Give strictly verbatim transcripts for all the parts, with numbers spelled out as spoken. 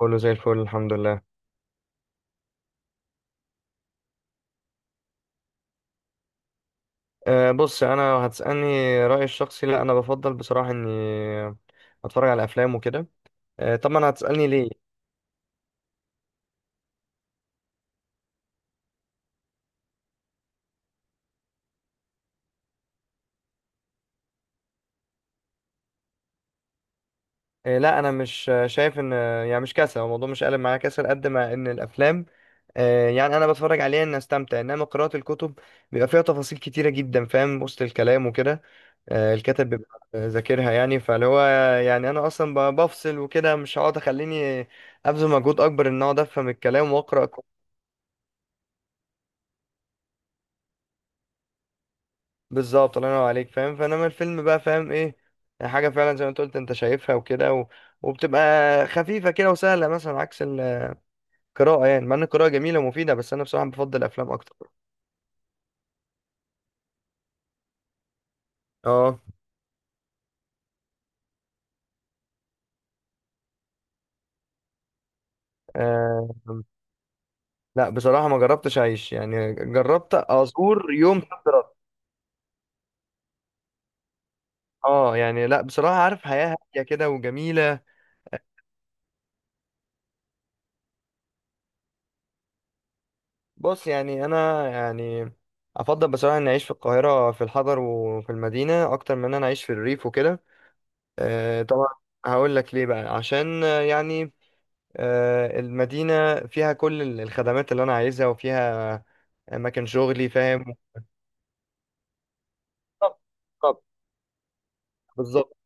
كله زي الفل الحمد لله. أه بص انا هتسالني رايي الشخصي، لا انا بفضل بصراحه اني اتفرج على افلام وكده. أه طبعا هتسالني ليه. أه لا انا مش شايف ان، يعني مش كسل هو الموضوع، مش قالب معايا كسل قد ما ان الافلام، أه يعني انا بتفرج عليها ان استمتع، انما قراءه الكتب بيبقى فيها تفاصيل كتيره جدا، فاهم، وسط الكلام وكده. أه الكاتب بيبقى ذاكرها يعني، فاللي هو يعني انا اصلا ب- بفصل وكده، مش هقعد اخليني ابذل مجهود اكبر ان اقعد افهم الكلام واقرا. بالظبط، الله ينور عليك فاهم، فانما الفيلم بقى فاهم ايه يعني، حاجه فعلا زي ما انت قلت انت شايفها وكده و... وبتبقى خفيفه كده وسهله، مثلا عكس القراءه يعني، مع ان القراءه جميله ومفيده، بس انا بصراحه بفضل الافلام اكتر. اه. آه... لا بصراحه ما جربتش اعيش، يعني جربت ازور يوم صد رد. اه يعني لا، بصراحه عارف حياه هاديه كده وجميله. بص يعني انا، يعني افضل بصراحه اني اعيش في القاهره في الحضر وفي المدينه اكتر من ان انا اعيش في الريف وكده. آه، طبعا هقول لك ليه بقى، عشان آه، يعني آه، المدينة فيها كل ال- الخدمات اللي أنا عايزها، وفيها أماكن شغلي فاهم. بالظبط. بالظبط. بالظبط.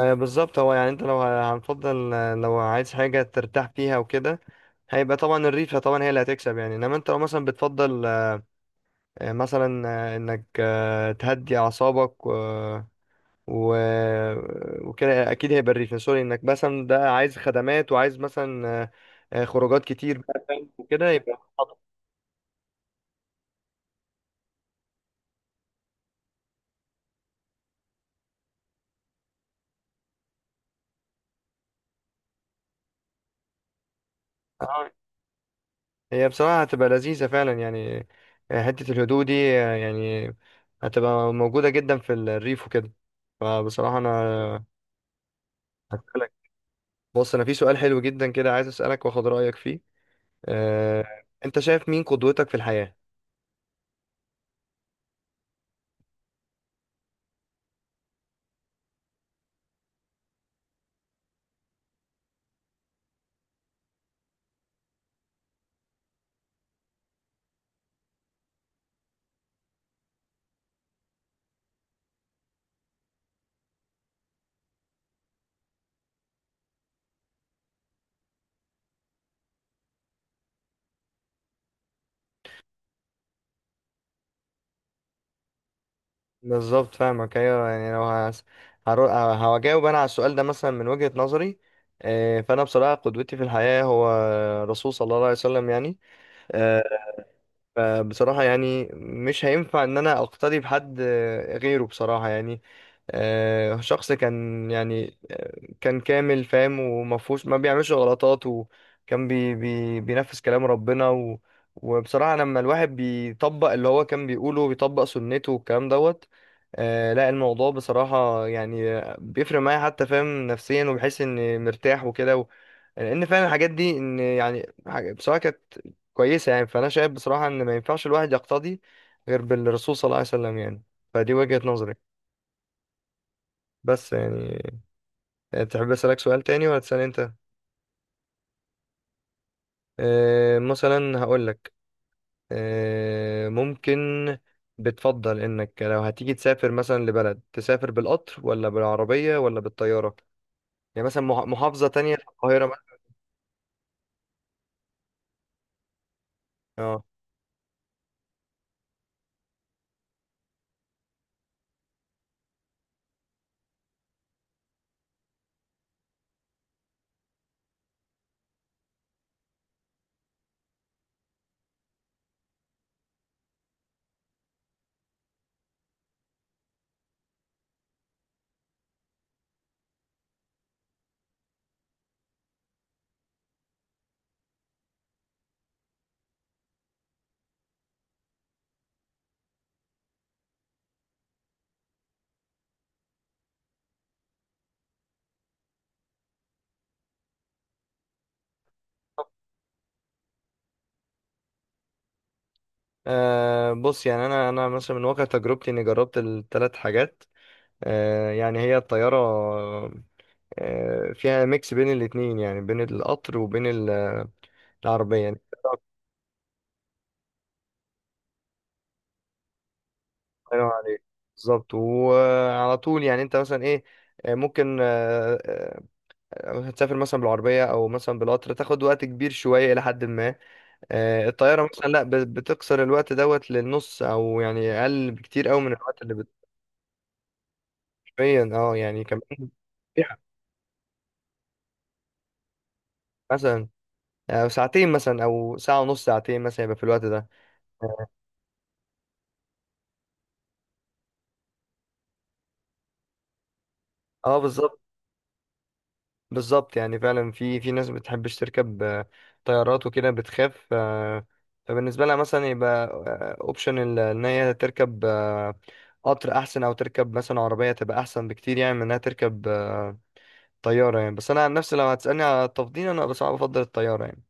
آه، بالظبط، هو يعني أنت لو ه- هنفضل، آه، لو عايز حاجة ترتاح فيها وكده، هيبقى طبعا الريفة، طبعا هي اللي هتكسب يعني، إنما أنت لو مثلا بتفضل آه، مثلا آه، إنك آه، تهدي أعصابك و... وكده، اكيد هيبقى الريفنسوري، انك مثلا ده عايز خدمات وعايز مثلا آه، آه، خروجات كتير بقى فاهم؟ وكده يبقى خطر. آه، هي بصراحة هتبقى لذيذة فعلا يعني، آه، حتة الهدوء دي آه، يعني هتبقى موجودة جدا في الريف وكده، فبصراحة أنا هسألك. بص أنا في سؤال حلو جدا كده، عايز أسألك وآخد رأيك فيه. آه، أنت شايف مين قدوتك في الحياة؟ بالظبط فاهمك، ايوه يعني لو هس... هرو... ه- هجاوب انا على السؤال ده مثلا من وجهة نظري، آه، فانا بصراحه قدوتي في الحياه هو الرسول صلى الله عليه وسلم يعني. آه، فبصراحه يعني مش هينفع ان انا اقتدي بحد آه، غيره بصراحه يعني، آه، شخص كان يعني آه، كان كامل فاهم، ومفهوش، ما بيعملش غلطات، وكان بي بي بينفذ كلام ربنا و وبصراحة لما الواحد بيطبق اللي هو كان بيقوله وبيطبق سنته والكلام دوت. آه لا الموضوع بصراحة يعني آه، بيفرق معايا، حتى فاهم، نفسيا، وبحس اني مرتاح وكده و... لان فعلا الحاجات دي ان يعني حاجة- بصراحة كانت كويسة يعني، فانا شايف بصراحة ان ما ينفعش الواحد يقتدي غير بالرسول صلى الله عليه وسلم يعني، فدي وجهة نظري. بس يعني آه، تحب أسألك سؤال تاني ولا تسأل أنت؟ آه، مثلا هقولك آه، ممكن، بتفضل إنك لو هتيجي تسافر مثلا لبلد تسافر بالقطر ولا بالعربية ولا بالطيارة؟ يعني مثلا مح- محافظة تانية في القاهرة مثلا. اه. آه، بص يعني أنا أنا مثلا من واقع تجربتي إني جربت الثلاث حاجات، آه، يعني هي الطيارة آه، فيها ميكس بين الاتنين، يعني بين القطر وبين ال- العربية يعني. الله ينور عليك، بالظبط وعلى طول يعني، انت مثلا ايه آه، ممكن آه، آه، هتسافر مثلا بالعربية أو مثلا بالقطر تاخد وقت كبير شوية إلى حد ما، آه، الطيارة مثلا لأ، ب- بتقصر الوقت دوت للنص، أو يعني أقل بكتير أوي من الوقت اللي بتقريبا، اه يعني كمان، مثلا آه، ساعتين مثلا أو ساعة ونص، ساعتين مثلا، يبقى في الوقت ده. اه، آه، بالظبط. بالظبط يعني فعلا في في ناس بتحبش تركب آه، طيارات وكده، بتخاف آه، فبالنسبة لها مثلا يبقى اوبشن ان هي تركب آه، قطر احسن، او تركب مثلا عربية تبقى احسن بكتير، يعني من انها تركب آه، طيارة يعني، بس انا عن نفسي لو هتسألني على التفضيل، انا بس بفضل الطيارة يعني.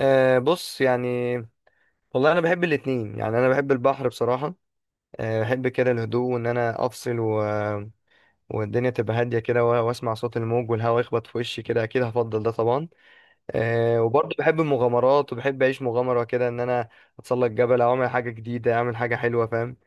أه بص يعني والله انا بحب الاتنين، يعني انا بحب البحر بصراحة، أه بحب كده الهدوء وان انا افصل و... والدنيا تبقى هادية كده و- واسمع صوت الموج والهواء يخبط في وشي كده، اكيد هفضل ده طبعا. آه، وبرضه بحب المغامرات وبحب اعيش مغامره كده، ان انا اتسلق جبل او اعمل حاجه جديده، اعمل حاجه حلوه فاهم،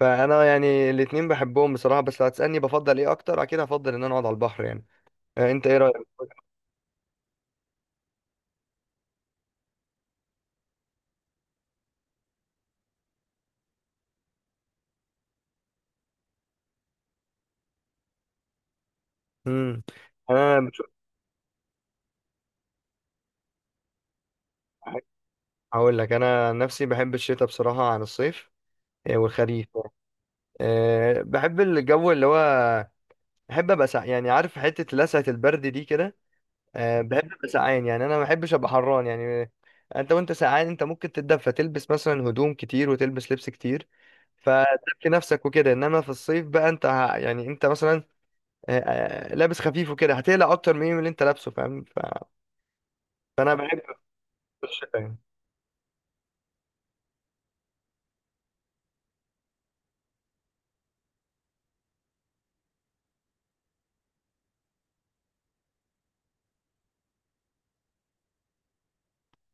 فانا يعني الاتنين بحبهم بصراحه، بس لو هتسالني بفضل ايه اكتر، اكيد هفضل ان انا اقعد على البحر يعني. آه، انت ايه رايك؟ امم انا بشوف، هقول لك، انا عن نفسي بحب الشتاء بصراحه عن الصيف، آه، والخريف. آه، بحب الجو اللي هو، بحب ابقى سع... يعني عارف، حته لسعه البرد دي كده. أه بحب ابقى سقعان يعني، انا ما بحبش ابقى حران يعني، انت وانت سقعان انت ممكن تتدفى، تلبس مثلا هدوم كتير وتلبس لبس كتير، فتدفي نفسك وكده، انما في الصيف بقى انت ه- يعني انت مثلا أه آه، لابس خفيف وكده، هتقلق اكتر من اللي انت لابسه فاهم، ف... فانا بحب الشتاء يعني.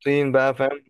طين بقى فاهم؟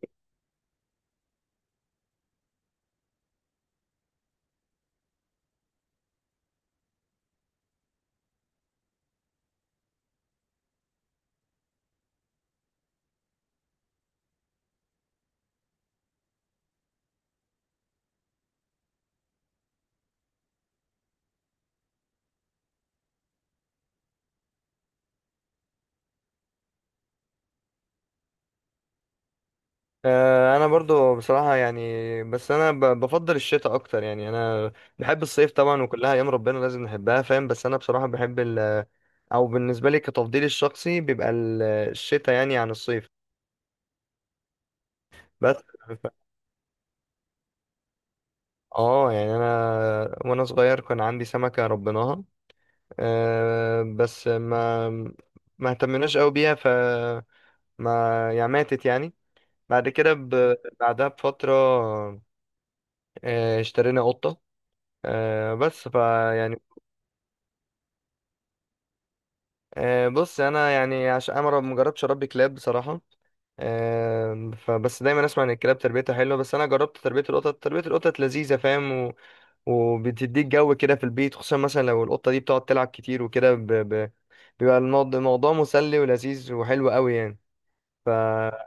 آه، انا برضو بصراحة يعني، بس انا ب- بفضل الشتاء اكتر يعني، انا بحب الصيف طبعا، وكلها ايام ربنا لازم نحبها فاهم، بس انا بصراحة بحب ال او بالنسبة لي كتفضيلي الشخصي بيبقى ال- الشتاء يعني عن الصيف. بس ف- اه يعني انا وانا صغير كان عندي سمكة ربيناها، آه، بس ما ما اهتمناش قوي بيها، ف ما يعني ماتت يعني، بعد كده ب... بعدها بفترة. آه، اشترينا قطة، آه، بس ف، أه بص انا يعني عشان انا ما جربتش اربي كلاب بصراحه، أه فبس دايما اسمع ان الكلاب تربيتها حلوه، بس انا جربت تربيه القطط، تربيه القطط لذيذه فاهم و... وبتديك جو كده في البيت، خصوصا مثلا لو القطه دي بتقعد تلعب كتير وكده، ب... ب... بيبقى الموض- الموضوع مسلي ولذيذ وحلو قوي يعني. فهو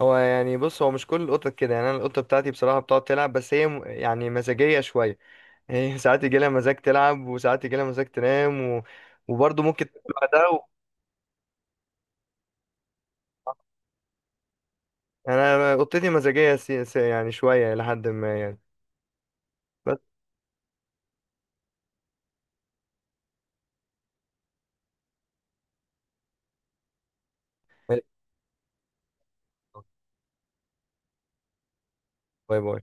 يعني بص، هو مش كل القطط كده يعني، انا القطه بتاعتي بصراحه بتقعد تلعب، بس هي م- يعني مزاجيه شويه، هي ساعات يجي لها مزاج تلعب، وساعات يجي لها مزاج تنام و... وبرضه ممكن تاكل بعدها. انا أنا اوضتي مزاجيه سي... سي... يعني شويه لحد ما يعني، بس. باي. باي.